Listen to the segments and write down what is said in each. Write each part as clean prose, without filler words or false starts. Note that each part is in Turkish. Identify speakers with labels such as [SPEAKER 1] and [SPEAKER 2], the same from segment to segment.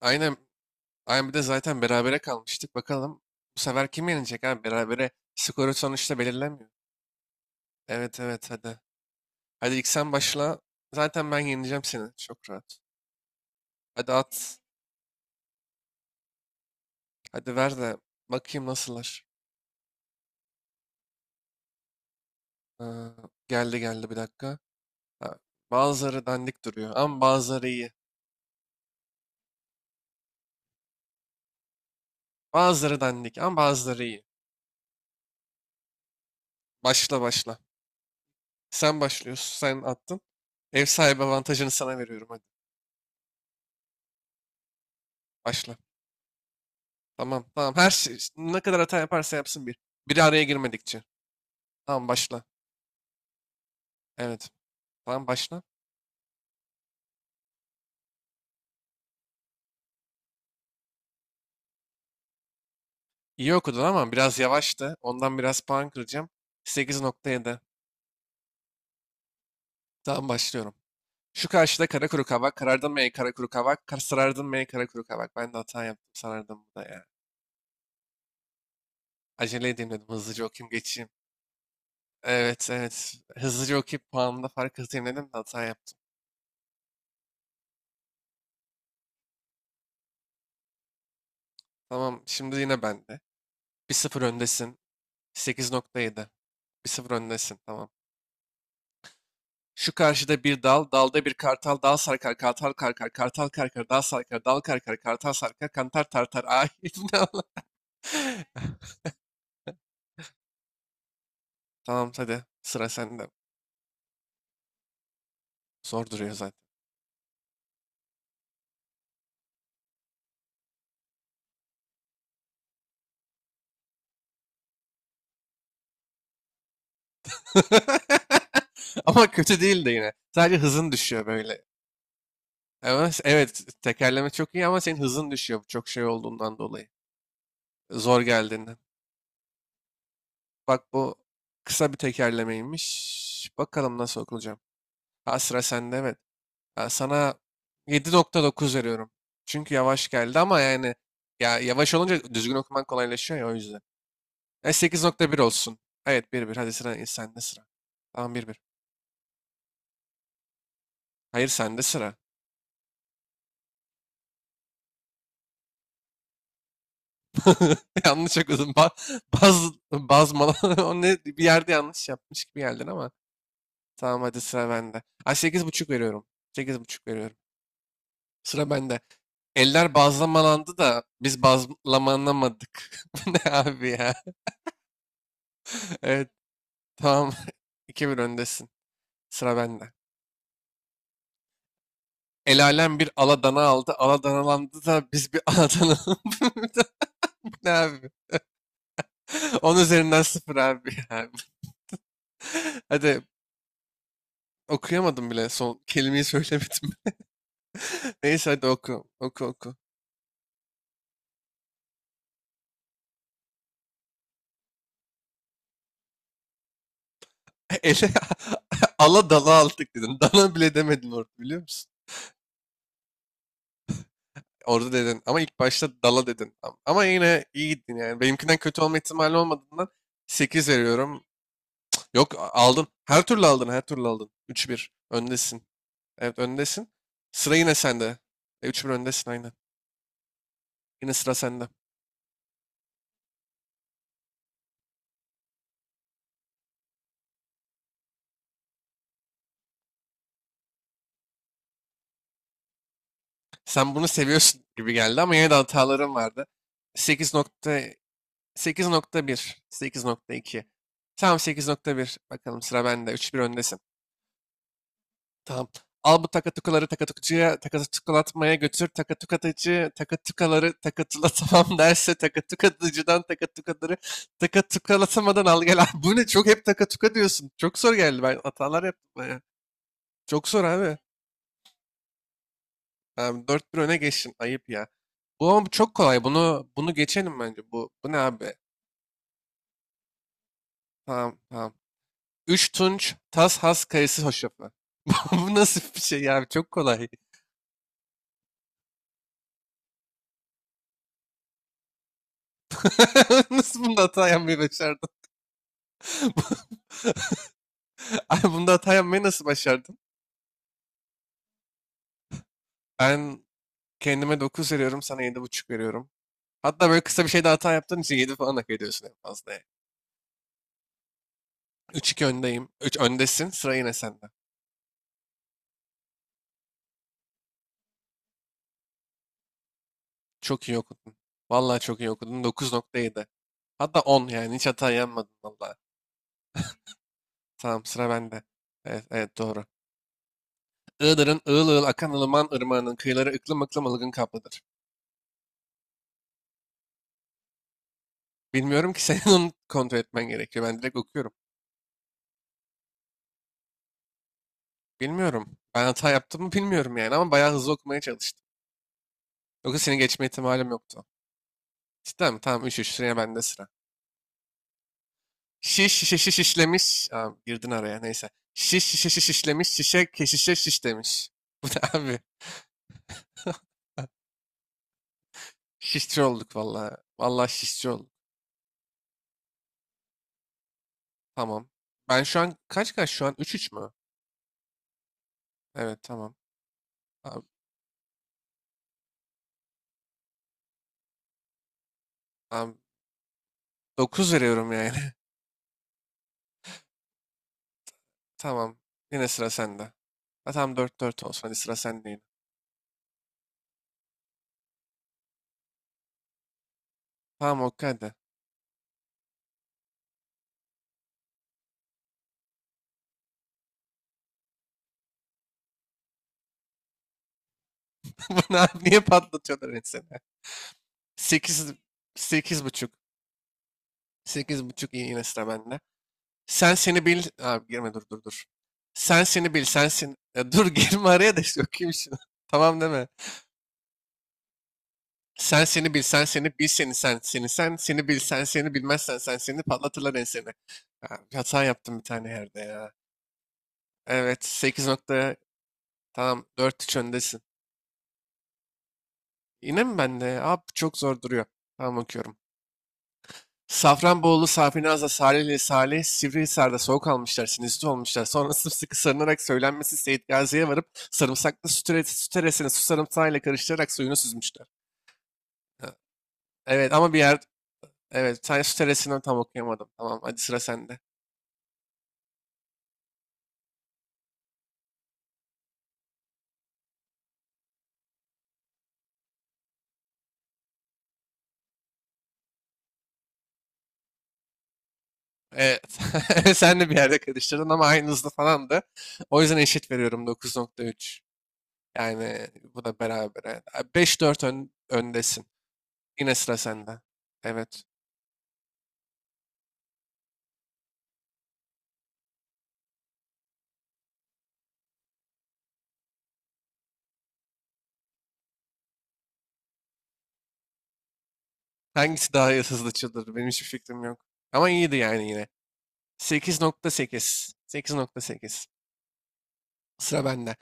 [SPEAKER 1] Aynen. Aynen bir de zaten berabere kalmıştık. Bakalım bu sefer kim yenecek abi? Berabere skoru sonuçta belirlenmiyor. Evet evet, hadi. Hadi ilk sen başla. Zaten ben yeneceğim seni. Çok rahat. Hadi at. Hadi ver de bakayım nasıllar. Ee, geldi geldi, bir dakika. Ha, bazıları dandik duruyor ama bazıları iyi. Bazıları dandik ama bazıları iyi. Başla başla. Sen başlıyorsun. Sen attın. Ev sahibi avantajını sana veriyorum, hadi. Başla. Tamam tamam. Her şey, ne kadar hata yaparsa yapsın bir. Biri araya girmedikçe. Tamam başla. Evet. Tamam başla. İyi okudun ama biraz yavaştı. Ondan biraz puan kıracağım. 8.7. Tamam başlıyorum. Şu karşıda kara kuru kavak. Karardın mı ey kara kuru kavak? Kar sarardın mı ey kara kuru kavak? Ben de hata yaptım, sarardım bu da ya. Acele edeyim dedim. Hızlıca okuyayım geçeyim. Evet evet. Hızlıca okuyup puanımda fark atayım dedim de hata yaptım. Tamam şimdi yine bende. 1-0 öndesin. 8.7. 1-0 öndesin. Tamam. Şu karşıda bir dal, dalda bir kartal, dal sarkar, kartal karkar, kartal karkar, dal sarkar, dal karkar, kartal sarkar, kantar tartar. Ay ne Allah. Tamam hadi sıra sende. Zor duruyor zaten. Ama kötü değil de yine. Sadece hızın düşüyor böyle. Ama evet, tekerleme çok iyi ama senin hızın düşüyor bu çok şey olduğundan dolayı. Zor geldiğinden. Bak bu kısa bir tekerlemeymiş. Bakalım nasıl okunacak. Ha, sıra sende evet. Ben sana 7.9 veriyorum. Çünkü yavaş geldi ama yani ya yavaş olunca düzgün okuman kolaylaşıyor ya, o yüzden. E, 8.1 olsun. Evet, 1-1. Hadi sıra sende sıra. Tamam, 1-1. Hayır sende sıra. Yanlış okudum. Ba baz bazmala O ne, bir yerde yanlış yapmış gibi geldin ama tamam, hadi sıra bende. Ha, 8.5 veriyorum. 8.5 veriyorum. Sıra bende. Eller bazlamalandı da biz bazlamanamadık. Bu ne abi ya? Evet tamam. 2-1 öndesin. Sıra bende. El alem bir aladana aldı. Aladanalandı da biz bir aladana... Ne abi? 10 üzerinden sıfır abi, ya. Hadi okuyamadım bile. Son kelimeyi söylemedim. Neyse hadi oku. Oku oku. Ele ala dala aldık dedin. Dana bile demedin orada, biliyor musun? Orada dedin. Ama ilk başta dala dedin. Ama yine iyi gittin yani. Benimkinden kötü olma ihtimali olmadığından 8 veriyorum. Yok aldın. Her türlü aldın. Her türlü aldın. 3-1. Öndesin. Evet öndesin. Sıra yine sende. 3-1 öndesin, aynen. Yine sıra sende. Sen bunu seviyorsun gibi geldi ama yine de hatalarım vardı. 8.8.1, 8.2. Tamam 8.1. Bakalım sıra bende. 3-1 öndesin. Tamam. Al bu takatukaları takatukucuya takatukulatmaya götür. Takatukatıcı takatukaları takatula tamam derse takatukatıcıdan takatukaları takatukalatamadan al gel. Bu ne? Çok hep takatuka diyorsun. Çok zor geldi. Ben hatalar yaptım, bayağı. Çok zor abi. Abi 4-1 öne geçtin. Ayıp ya. Bu ama çok kolay. Bunu bunu geçelim bence. Bu bu ne abi? Tamam tamam. 3 tunç tas has kayısı hoşafı. Bu bu nasıl bir şey ya abi? Çok kolay. Nasıl bunda hata yapmayı başardın? Ay, bunda hata yapmayı nasıl başardın? Ben kendime 9 veriyorum. Sana 7.5 veriyorum. Hatta böyle kısa bir şeyde hata yaptığın için 7 falan hak ediyorsun en fazla, yani. 3-2 öndeyim. 3 öndesin. Sıra yine sende. Çok iyi okudun. Vallahi çok iyi okudun. 9.7. Hatta 10 yani, hiç hata yanmadın valla. Tamam sıra bende. Evet, evet doğru. Iğdır'ın ığıl ığıl akan ılıman ırmağının kıyıları ıklım ıklım ılgın kaplıdır. Bilmiyorum ki senin onu kontrol etmen gerekiyor. Ben direkt okuyorum. Bilmiyorum. Ben hata yaptım mı bilmiyorum yani ama bayağı hızlı okumaya çalıştım. Yoksa seni geçme ihtimalim yoktu. Cidden mi? Tamam 3-3, sıraya bende sıra. Şiş şişe şiş işlemiş. Aa, girdin araya neyse. Şiş şişe şiş işlemiş. Şişe keşişe şiş demiş. Bu ne abi? Şişçi olduk valla. Valla şişçi olduk. Tamam. Ben şu an kaç kaç şu an? Üç üç mü? Evet tamam. Abi, abi, 9 veriyorum yani. Tamam. Yine sıra sende. Ha, tamam dört 4 olsun. Hadi sıra sende yine. Tamam okey hadi. Bana abi niye patlatıyorlar insanı? 8, 8.5. 8.5 iyi, yine sıra bende. Sen seni bil. Abi girme, dur dur dur. Sen seni bil. Sen seni. Ya dur girme araya da işte okuyayım şunu. Tamam deme. Sen seni bilsen seni bil seni sen seni sen seni bilsen seni bilmezsen sen seni patlatırlar enseni. Ha, bir hata yaptım bir tane yerde ya. Evet, 8 nokta. Tamam, 4-3 öndesin. Yine mi bende? Abi çok zor duruyor. Tamam okuyorum. Safranbolu, Safinaz'la Salihli, Salih, Sivrihisar'da soğuk almışlar, sinüzit olmuşlar. Sonra sımsıkı sarınarak söylenmesi Seyit Gazi'ye varıp sarımsaklı süt, süt eresini su sarımsağıyla karıştırarak suyunu süzmüşler. Ha, evet ama bir yer... Evet, sen süresinden tam okuyamadım. Tamam, hadi sıra sende. Evet. Sen de bir yerde karıştırdın ama aynı hızlı falandı. O yüzden eşit veriyorum, 9.3. Yani bu da beraber. 5-4 öndesin. Yine sıra sende. Evet. Hangisi daha hızlı çıldırdı? Benim hiçbir fikrim yok. Ama iyiydi yani yine. 8.8. 8.8 nokta sekiz. Sıra bende.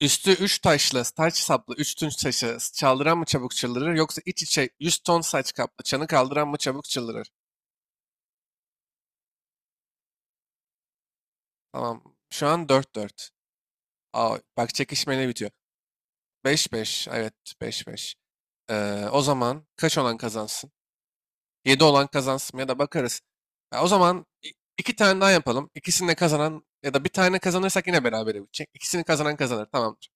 [SPEAKER 1] Üstü üç taşlı, taç saplı, üç tunç taşı, çaldıran mı çabuk çıldırır, yoksa iç içe yüz ton saç kaplı, çanı kaldıran mı çabuk çıldırır. Tamam, şu an 4-4. Aa, bak çekişmeyle bitiyor. 5-5. Evet, 5-5. O zaman kaç olan kazansın? 7 olan kazansın ya da bakarız. Ya o zaman iki tane daha yapalım. İkisini de kazanan ya da bir tane kazanırsak yine berabere bitecek. İkisini kazanan kazanır, tamamdır.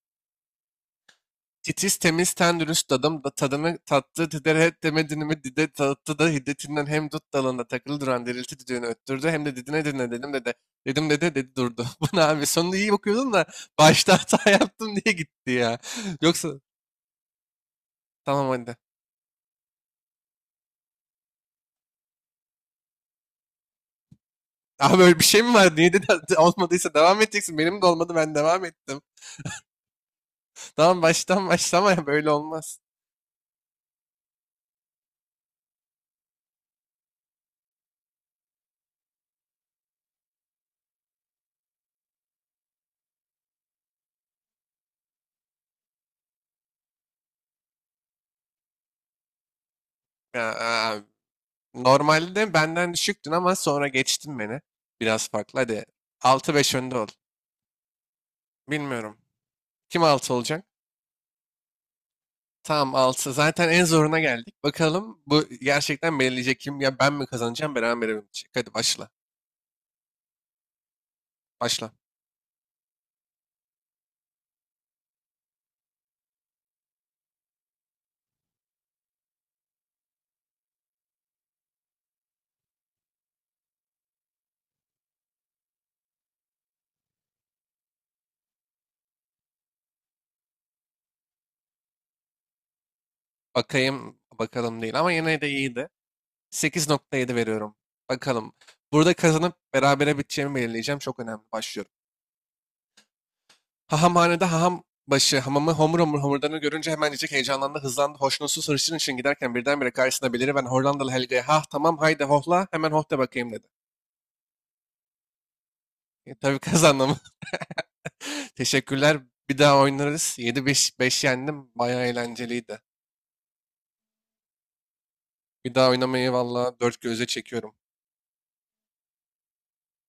[SPEAKER 1] Titiz temiz ten dürüst adam da tadını tattı diderhet demedini mi dide tattı da hiddetinden hem dut dalında takılı duran dirilti düdüğünü öttürdü hem de didine didine dedim dede dedim dede dedi durdu. Bu ne abi, sonunda iyi okuyordun da başta hata yaptım diye gitti ya. Yoksa tamam, hadi. Abi öyle bir şey mi var? Niye de olmadıysa devam edeceksin. Benim de olmadı, ben devam ettim. Tamam baştan başlama ya, böyle olmaz. Ya, abi, normalde benden düşüktün ama sonra geçtin beni. Biraz farklı hadi, 6-5 önde ol. Bilmiyorum. Kim 6 olacak? Tamam 6. Zaten en zoruna geldik. Bakalım bu gerçekten belirleyecek kim? Ya ben mi kazanacağım, beraber mi bitecek? Hadi başla. Başla. Bakayım, bakalım değil ama yine de iyiydi. 8.7 veriyorum. Bakalım. Burada kazanıp berabere biteceğimi belirleyeceğim. Çok önemli. Başlıyorum. Hahamhanede haham başı hamamı homur homur homurdanı görünce hemen diyecek heyecanlandı, hızlandı, hoşnutsuz hırçın için giderken birdenbire karşısına beliriven Hollandalı Helga'ya ha tamam haydi hohla hemen hoh de bakayım dedi. Tabii kazandım. Teşekkürler. Bir daha oynarız. 7-5, 5 yendim. Bayağı eğlenceliydi. Bir daha oynamayı valla dört gözle çekiyorum.